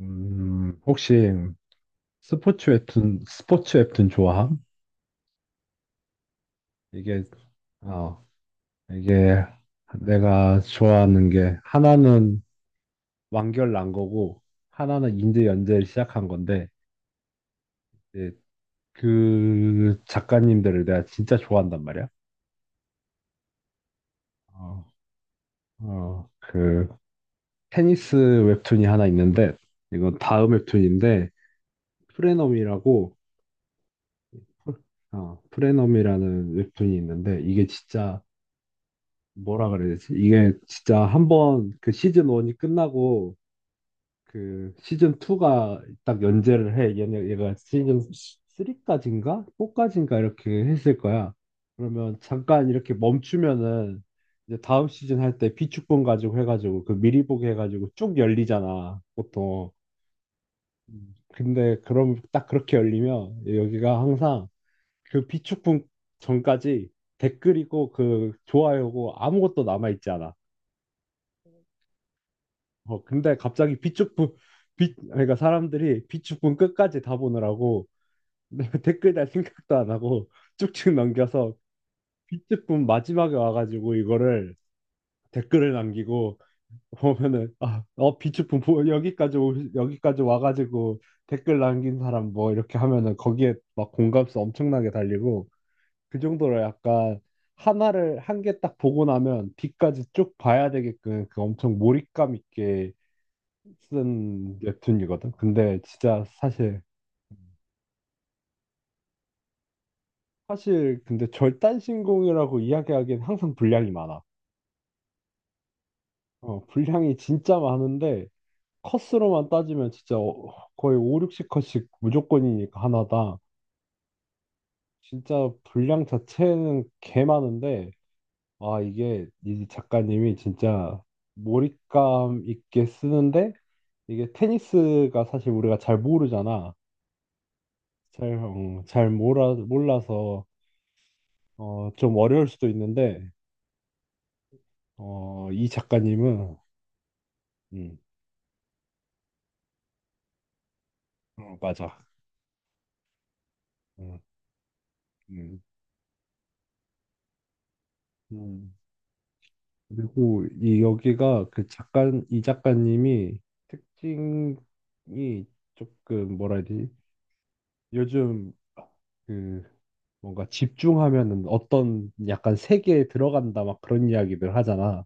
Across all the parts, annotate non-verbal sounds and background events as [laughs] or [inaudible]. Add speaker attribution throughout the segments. Speaker 1: 혹시 스포츠 웹툰, 스포츠 웹툰 좋아함? 이게, 어, 이게 내가 좋아하는 게 하나는 완결 난 거고 하나는 인제 연재를 시작한 건데 이제 그 작가님들을 내가 진짜 좋아한단 말이야. 어, 그 테니스 웹툰이 하나 있는데 이건 다음 웹툰인데 프레넘이라고 프레넘이라는 웹툰이 있는데 이게 진짜 뭐라 그래야 되지? 이게 진짜 한번 그 시즌 1이 끝나고 그 시즌 2가 딱 연재를 해. 얘네, 얘가 시즌 3까지인가? 4까지인가? 이렇게 했을 거야. 그러면 잠깐 이렇게 멈추면은 이제 다음 시즌 할 때 비축본 가지고 해가지고 그 미리 보기 해가지고 쭉 열리잖아, 보통. 음. 근데 그럼 딱 그렇게 열리면 여기가 항상 그 비축본 전까지 댓글이고 그 좋아요고 아무것도 남아있지 않아. 근데 갑자기 그러니까 사람들이 비축분 끝까지 다 보느라고 [laughs] 댓글 달 생각도 안 하고 쭉쭉 넘겨서 비축분 마지막에 와가지고 이거를 댓글을 남기고 보면은 아, 여기까지 와가지고 댓글 남긴 사람 뭐 이렇게 하면은 거기에 막 공감수 엄청나게 달리고 그 정도로 약간 하나를 한 개 딱 보고 나면 뒤까지 쭉 봐야 되게끔 그 엄청 몰입감 있게 쓴 웹툰이거든. 근데 진짜 사실 근데 절단신공이라고 이야기하기엔 항상 분량이 많아. 분량이 진짜 많은데 컷으로만 따지면 진짜 거의 5, 6십컷씩 무조건이니까 하나다. 진짜 분량 자체는 개 많은데 아 이게 이 작가님이 진짜 몰입감 있게 쓰는데 이게 테니스가 사실 우리가 잘 모르잖아. 잘 몰라서 좀 어려울 수도 있는데, 이 작가님은, 음, 맞아. 음, 음, 음. 그리고 이 여기가 이 작가님이 특징이 조금 뭐라 해야 되지? 요즘 그 뭔가 집중하면은 어떤 약간 세계에 들어간다 막 그런 이야기들 하잖아.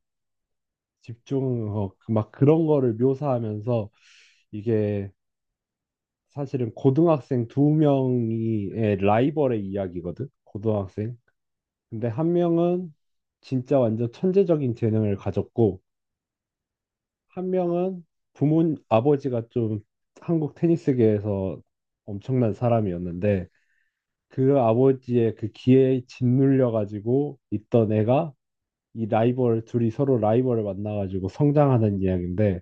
Speaker 1: 그막 그런 거를 묘사하면서 이게 사실은 고등학생 두 명이 의 라이벌의 이야기거든. 고등학생. 근데 한 명은 진짜 완전 천재적인 재능을 가졌고 한 명은 부모 아버지가 좀 한국 테니스계에서 엄청난 사람이었는데 그 아버지의 그 기회에 짓눌려 가지고 있던 애가 이 라이벌 둘이 서로 라이벌을 만나 가지고 성장하는 이야기인데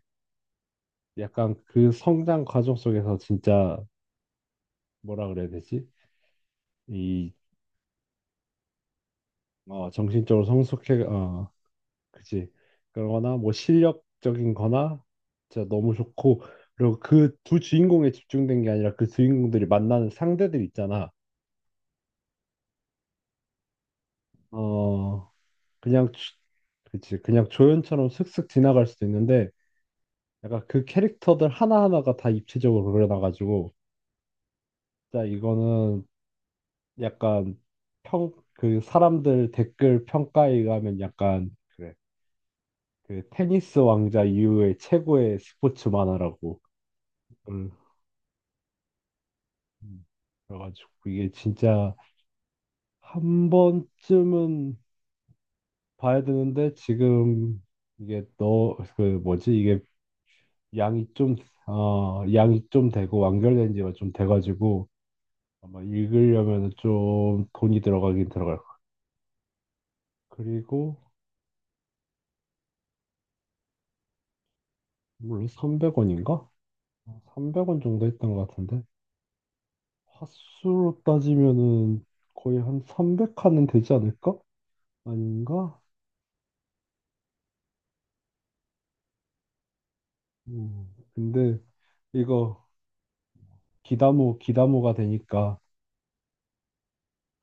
Speaker 1: 약간 그 성장 과정 속에서 진짜 뭐라 그래야 되지? 이 정신적으로 그치 그러거나, 뭐, 실력적인 거나, 진짜 너무 좋고, 그리고 그 두 주인공에 집중된 게 아니라 그 주인공들이 만나는 상대들 있잖아. 어, 그냥, 주- 그치. 그냥 조연처럼 슥슥 지나갈 수도 있는데, 약간 그 캐릭터들 하나하나가 다 입체적으로 그려놔가지고, 진짜 이거는 약간 그 사람들 댓글 평가에 가면 약간, 그래. 그 테니스 왕자 이후에 최고의 스포츠 만화라고. 음, 음. 그래가지고 이게 진짜 한 번쯤은 봐야 되는데 지금 이게 너 그 뭐지 이게 양이 좀 양이 좀 되고 완결된 지가 좀 돼가지고 아마 읽으려면 좀 돈이 들어가긴 들어갈 거야. 그리고 물론 300원인가? 300원 정도 했던 것 같은데 화수로 따지면은 거의 한 300칸은 되지 않을까? 아닌가? 음, 근데 이거 기다모가 되니까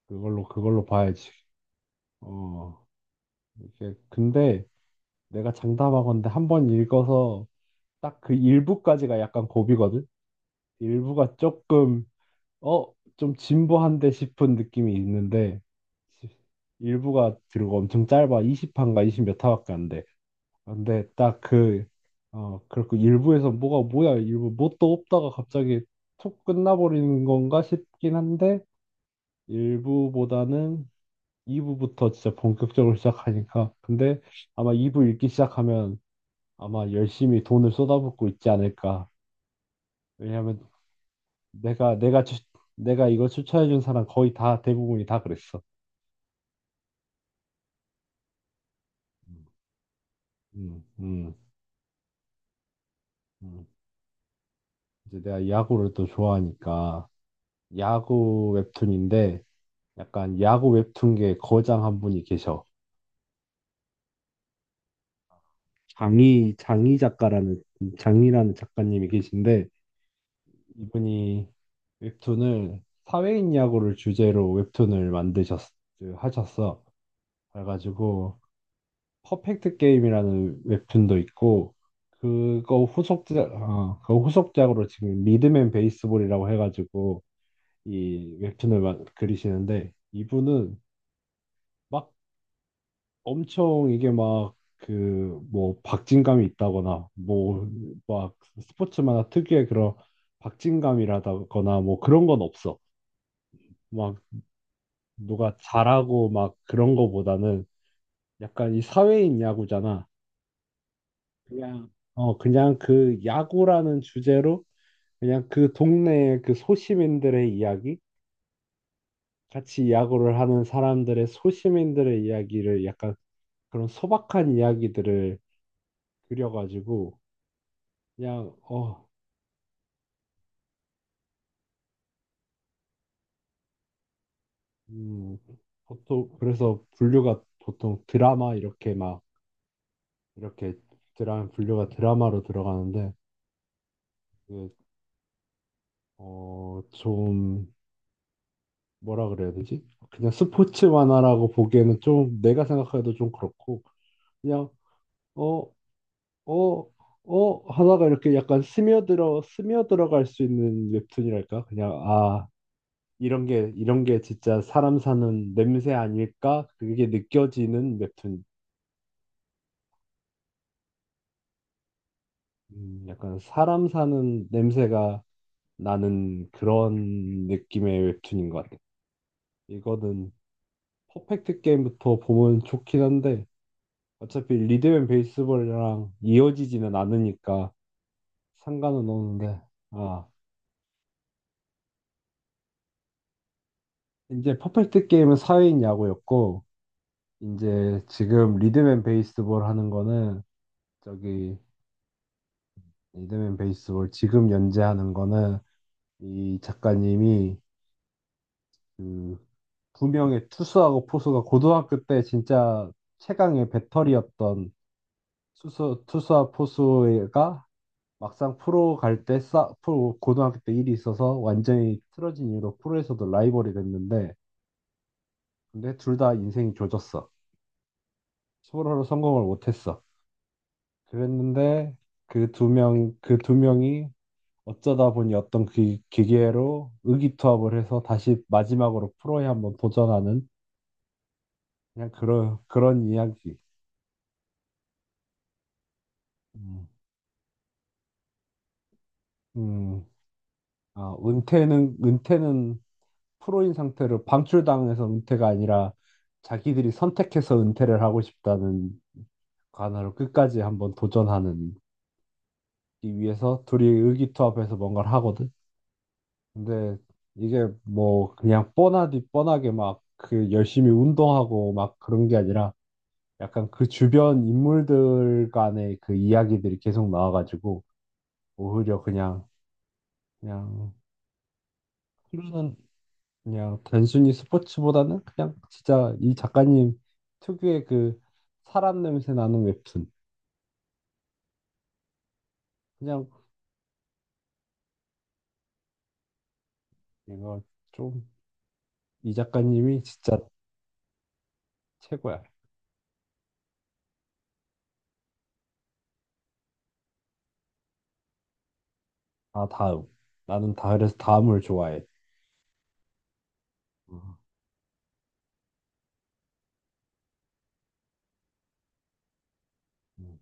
Speaker 1: 그걸로 봐야지. 어, 이렇게. 근데 내가 장담하건대 한 번 읽어서 딱 그 일부까지가 약간 고비거든? 일부가 조금, 어, 좀 진보한데 싶은 느낌이 있는데, 일부가 들고 엄청 짧아. 20판가 20 몇 화밖에 안 돼. 근데 딱 그렇고 일부에서 일부 뭣도 없다가 갑자기 툭 끝나버리는 건가 싶긴 한데, 일부보다는 2부부터 진짜 본격적으로 시작하니까. 근데 아마 2부 읽기 시작하면 아마 열심히 돈을 쏟아붓고 있지 않을까. 왜냐하면 내가 내가 추, 내가 이거 추천해준 사람 거의 다 대부분이 다 그랬어. 음, 음, 음. 이제 내가 야구를 또 좋아하니까 야구 웹툰인데 약간 야구 웹툰계 거장 한 분이 계셔. 장희 장희 작가라는 장희라는 작가님이 계신데 이분이 웹툰을 사회인 야구를 주제로 웹툰을 하셨어. 그래가지고 퍼펙트 게임이라는 웹툰도 있고 그거 그 후속작으로 지금 리드맨 베이스볼이라고 해가지고 이 웹툰을 그리시는데 이분은 막 엄청 이게 막 그 뭐 박진감이 있다거나 뭐 막 스포츠마다 특유의 그런 박진감이라거나 뭐 그런 건 없어. 누가 잘하고 막 그런 거보다는 약간 이 사회인 야구잖아. 그냥 그냥 그 야구라는 주제로 그냥 그 동네의 그 소시민들의 이야기, 같이 야구를 하는 사람들의 소시민들의 이야기를 약간 그런 소박한 이야기들을 그려가지고 그냥 어 음, 보통 그래서 분류가 보통 드라마 이렇게 막 이렇게 드라마 분류가 드라마로 들어가는데 그, 좀 뭐라 그래야 되지? 그냥 스포츠 만화라고 보기에는 좀 내가 생각해도 좀 그렇고 그냥 어, 어, 하다가 이렇게 약간 스며들어갈 수 있는 웹툰이랄까? 그냥 아 이런 게 진짜 사람 사는 냄새 아닐까? 그게 느껴지는 웹툰. 약간 사람 사는 냄새가 나는 그런 느낌의 웹툰인 것 같아. 이거는 퍼펙트 게임부터 보면 좋긴 한데 어차피 리드앤 베이스볼이랑 이어지지는 않으니까 상관은 없는데, 아, 이제 퍼펙트 게임은 사회인 야구였고, 이제 지금 리드앤 베이스볼 하는 거는, 저기, 리드앤 베이스볼 지금 연재하는 거는, 이 작가님이 그, 두 명의 투수하고 포수가 고등학교 때 진짜 최강의 배터리였던 투수와 포수가 막상 프로 갈 때 프로 고등학교 때 일이 있어서 완전히 틀어진 이유로 프로에서도 라이벌이 됐는데 근데 둘 다 인생이 조졌어. 서로로 성공을 못했어. 그랬는데 그 두 명이 어쩌다 보니 어떤 기계로 의기투합을 해서 다시 마지막으로 프로에 한번 도전하는 그냥 그런 이야기. 음, 음, 아, 은퇴는 프로인 상태로 방출당해서 은퇴가 아니라 자기들이 선택해서 은퇴를 하고 싶다는 관화로 끝까지 한번 도전하는 이 위해서 둘이 의기투합해서 뭔가를 하거든. 근데 이게 뭐 그냥 뻔하디 뻔하게 막 그 열심히 운동하고 막 그런 게 아니라 약간 그 주변 인물들 간의 그 이야기들이 계속 나와가지고 오히려 그냥 흐르는 그냥 단순히 스포츠보다는 그냥 진짜 이 작가님 특유의 그 사람 냄새 나는 웹툰. 그냥 이거 좀 이 작가님이 진짜 최고야. 아 다음. 나는 다 그래서 다음을 좋아해. 아, 음.